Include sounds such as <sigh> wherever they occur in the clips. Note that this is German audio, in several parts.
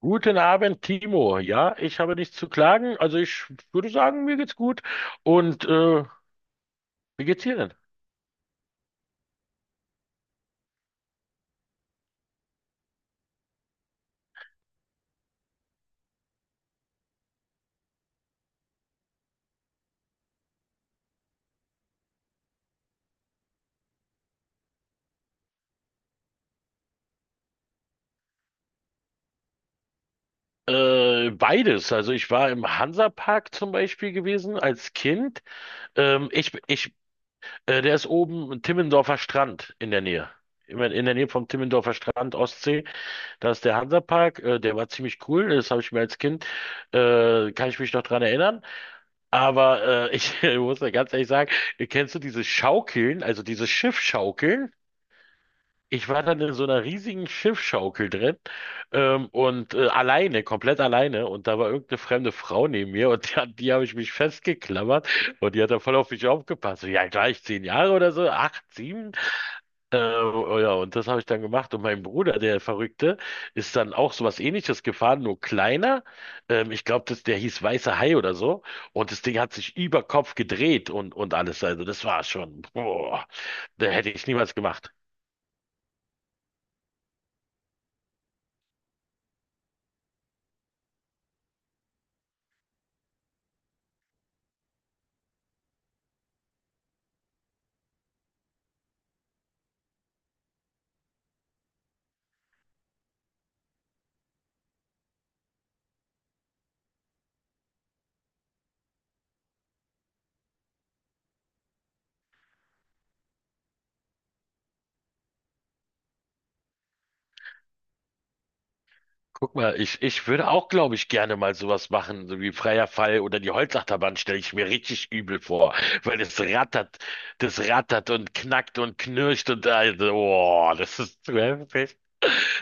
Guten Abend, Timo. Ja, ich habe nichts zu klagen. Also ich würde sagen, mir geht's gut. Und äh, Wie geht's dir denn? Beides. Also ich war im Hansapark zum Beispiel gewesen als Kind. Ähm, ich, ich, Der ist oben im Timmendorfer Strand in der Nähe. Immer in der Nähe vom Timmendorfer Strand, Ostsee. Da ist der Hansapark. Der war ziemlich cool. Das habe ich mir als Kind, kann ich mich noch dran erinnern. Aber ich <laughs> muss ja ganz ehrlich sagen, kennst du diese Schaukeln, also diese Schiffschaukeln? Ich war dann in so einer riesigen Schiffsschaukel drin, alleine, komplett alleine. Und da war irgendeine fremde Frau neben mir und die, an die habe ich mich festgeklammert und die hat dann voll auf mich aufgepasst. So, ja, gleich 10 Jahre oder so, acht, sieben. Äh, oh ja, und das habe ich dann gemacht. Und mein Bruder, der Verrückte, ist dann auch so was Ähnliches gefahren, nur kleiner. Ich glaube, der hieß Weißer Hai oder so. Und das Ding hat sich über Kopf gedreht und alles. Also das war schon, boah, da hätte ich niemals gemacht. Guck mal, ich würde auch, glaube ich, gerne mal sowas machen, so wie Freier Fall oder die Holzachterbahn stelle ich mir richtig übel vor, weil es rattert, das rattert und knackt und knirscht und also, oh, das ist zu heftig.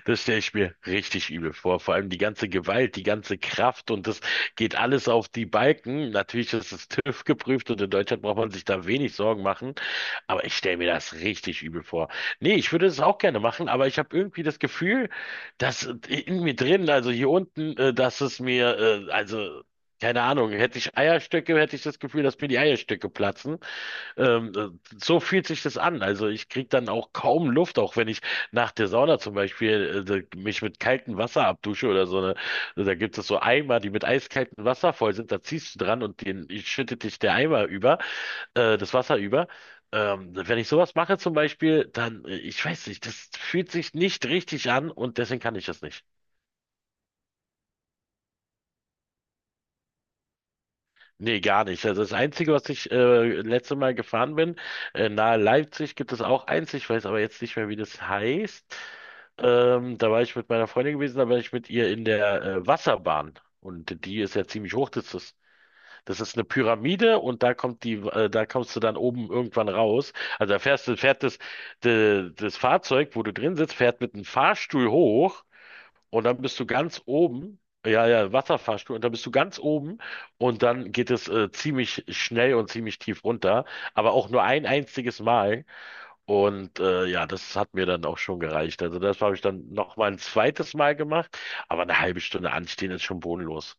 Das stelle ich mir richtig übel vor. Vor allem die ganze Gewalt, die ganze Kraft und das geht alles auf die Balken. Natürlich ist es TÜV geprüft und in Deutschland braucht man sich da wenig Sorgen machen. Aber ich stelle mir das richtig übel vor. Nee, ich würde es auch gerne machen, aber ich habe irgendwie das Gefühl, dass in mir drin, also hier unten, dass es mir, also keine Ahnung, hätte ich Eierstöcke, hätte ich das Gefühl, dass mir die Eierstöcke platzen. Ähm, äh, so fühlt sich das an. Also ich kriege dann auch kaum Luft, auch wenn ich nach der Sauna zum Beispiel mich mit kaltem Wasser abdusche oder so eine, da gibt es so Eimer, die mit eiskaltem Wasser voll sind, da ziehst du dran und den schüttet dich der Eimer über, das Wasser über. Wenn ich sowas mache zum Beispiel, dann ich weiß nicht, das fühlt sich nicht richtig an und deswegen kann ich das nicht. Nee, gar nicht. Also das Einzige, was ich letzte Mal gefahren bin, nahe Leipzig gibt es auch eins, ich weiß aber jetzt nicht mehr, wie das heißt. Da war ich mit meiner Freundin gewesen, da war ich mit ihr in der Wasserbahn. Und die ist ja ziemlich hoch. Das ist eine Pyramide und da kommt die, da kommst du dann oben irgendwann raus. Also da fährst du, das Fahrzeug, wo du drin sitzt, fährt mit einem Fahrstuhl hoch und dann bist du ganz oben. Ja, ja, Wasserfahrstuhl. Und dann bist du ganz oben. Und dann geht es ziemlich schnell und ziemlich tief runter. Aber auch nur ein einziges Mal. Ja, das hat mir dann auch schon gereicht. Also das habe ich dann noch mal ein zweites Mal gemacht. Aber eine halbe Stunde anstehen ist schon bodenlos.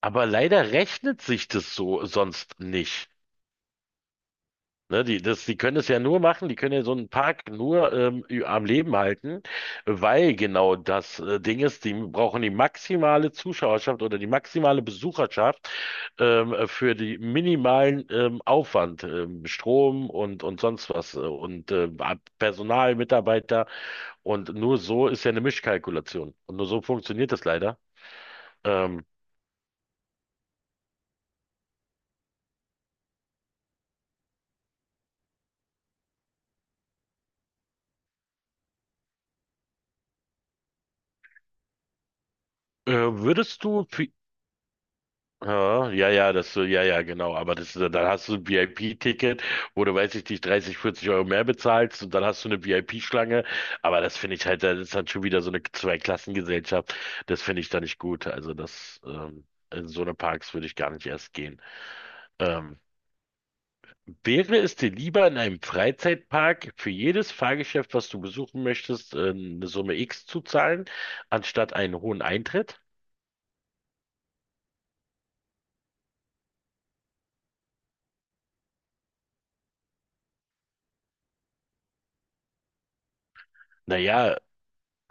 Aber leider rechnet sich das so sonst nicht. Ne, die, das, die können es ja nur machen, die können ja so einen Park nur am Leben halten, weil genau das Ding ist, die brauchen die maximale Zuschauerschaft oder die maximale Besucherschaft für die minimalen Aufwand, Strom und sonst was und Personal, Mitarbeiter und nur so ist ja eine Mischkalkulation und nur so funktioniert das leider. Ähm, Würdest du für ja, ja, ja, ja, ja, genau. Aber das, dann hast du ein VIP-Ticket, wo du, weiß ich nicht, 30, 40 Euro mehr bezahlst und dann hast du eine VIP-Schlange. Aber das finde ich halt, das ist dann schon wieder so eine Zweiklassengesellschaft. Das finde ich da nicht gut. In so eine Parks würde ich gar nicht erst gehen. Ähm, Wäre es dir lieber in einem Freizeitpark für jedes Fahrgeschäft, was du besuchen möchtest, eine Summe X zu zahlen, anstatt einen hohen Eintritt? Naja,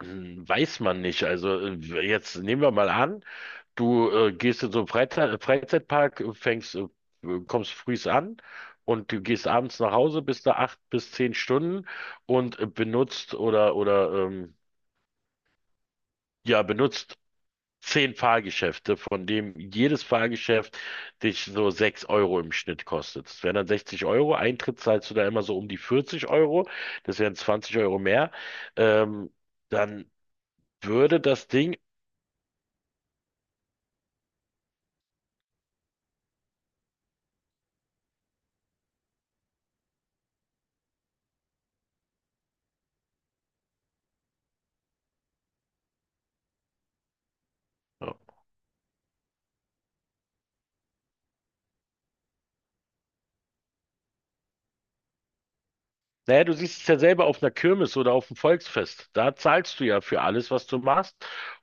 hm, weiß man nicht. Jetzt nehmen wir mal an, du gehst in so einen Freizeitpark, kommst frühs an und du gehst abends nach Hause, bist da acht bis 10 Stunden und benutzt oder benutzt 10 Fahrgeschäfte, von dem jedes Fahrgeschäft dich so 6 Euro im Schnitt kostet. Das wären dann 60 Euro. Eintritt zahlst du da immer so um die 40 Euro. Das wären 20 Euro mehr. Ähm, Dann würde das Ding ja, naja, du siehst es ja selber auf einer Kirmes oder auf dem Volksfest. Da zahlst du ja für alles, was du machst.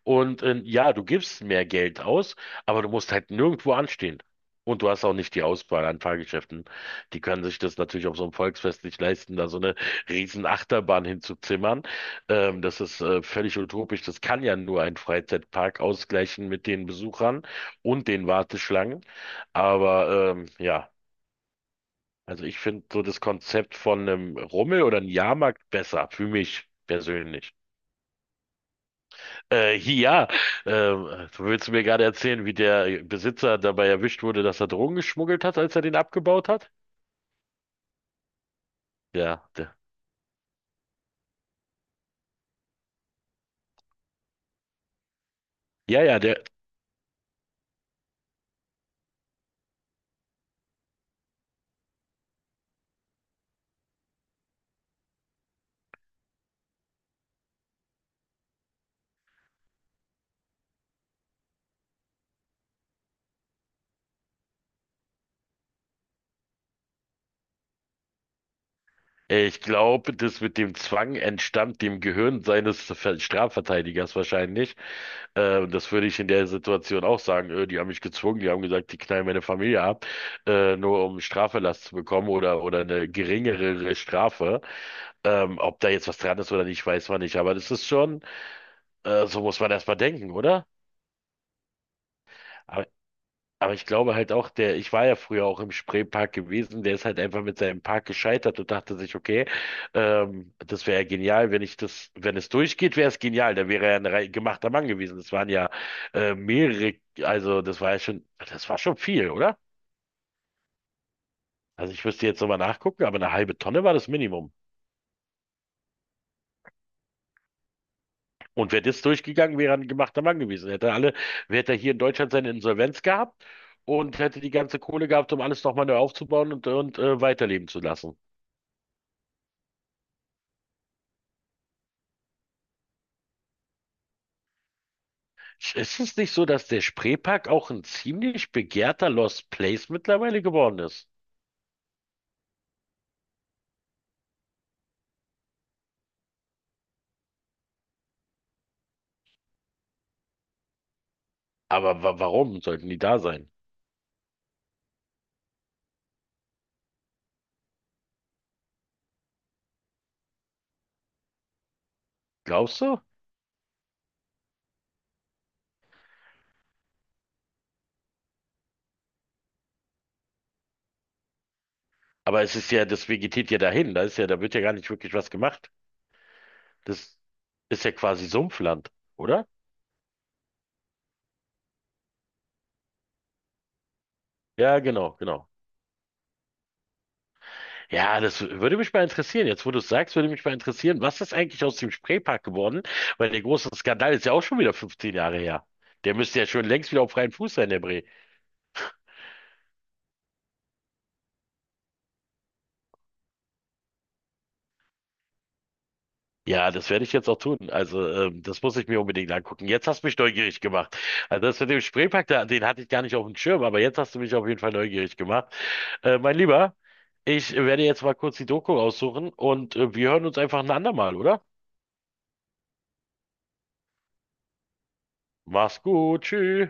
Ja, du gibst mehr Geld aus, aber du musst halt nirgendwo anstehen. Und du hast auch nicht die Auswahl an Fahrgeschäften. Die können sich das natürlich auf so einem Volksfest nicht leisten, da so eine riesen Achterbahn hinzuzimmern. Das ist völlig utopisch. Das kann ja nur ein Freizeitpark ausgleichen mit den Besuchern und den Warteschlangen. Ja. Also ich finde so das Konzept von einem Rummel oder einem Jahrmarkt besser, für mich persönlich. Ja, du willst mir gerade erzählen, wie der Besitzer dabei erwischt wurde, dass er Drogen geschmuggelt hat, als er den abgebaut hat? Ja, der, ja, ja, der, Ich glaube, das mit dem Zwang entstammt dem Gehirn seines Ver- Strafverteidigers wahrscheinlich. Das würde ich in der Situation auch sagen. Die haben mich gezwungen, die haben gesagt, die knallen meine Familie ab, nur um Straferlass zu bekommen oder eine geringere Strafe. Ob da jetzt was dran ist oder nicht, weiß man nicht. Aber das ist schon, so muss man erstmal denken, oder? Aber ich glaube halt auch, der, ich war ja früher auch im Spreepark gewesen, der ist halt einfach mit seinem Park gescheitert und dachte sich, okay, das wäre ja genial, wenn ich das, wenn es durchgeht, wäre es genial. Da wäre er ein rei- gemachter Mann gewesen. Das waren ja mehrere, also das war ja schon, das war schon viel, oder? Also ich müsste jetzt nochmal nachgucken, aber eine halbe Tonne war das Minimum. Und wäre das durchgegangen, wäre er ein gemachter Mann gewesen. Hätte alle, hätte er hier in Deutschland seine Insolvenz gehabt und hätte die ganze Kohle gehabt, um alles nochmal neu aufzubauen und weiterleben zu lassen. Ist es nicht so, dass der Spreepark auch ein ziemlich begehrter Lost Place mittlerweile geworden ist? Aber wa warum sollten die da sein? Glaubst du? Aber es ist ja, das vegetiert ja dahin. Da ist ja, da wird ja gar nicht wirklich was gemacht. Das ist ja quasi Sumpfland, oder? Ja, genau, genau. Ja, das würde mich mal interessieren. Jetzt, wo du es sagst, würde mich mal interessieren, was ist eigentlich aus dem Spreepark geworden? Weil der große Skandal ist ja auch schon wieder 15 Jahre her. Der müsste ja schon längst wieder auf freiem Fuß sein, der Bre. Ja, das werde ich jetzt auch tun. Das muss ich mir unbedingt angucken. Jetzt hast du mich neugierig gemacht. Also, das mit dem Spreepark, da, den hatte ich gar nicht auf dem Schirm, aber jetzt hast du mich auf jeden Fall neugierig gemacht. Mein Lieber, ich werde jetzt mal kurz die Doku raussuchen und wir hören uns einfach ein andermal, oder? Mach's gut, tschüss.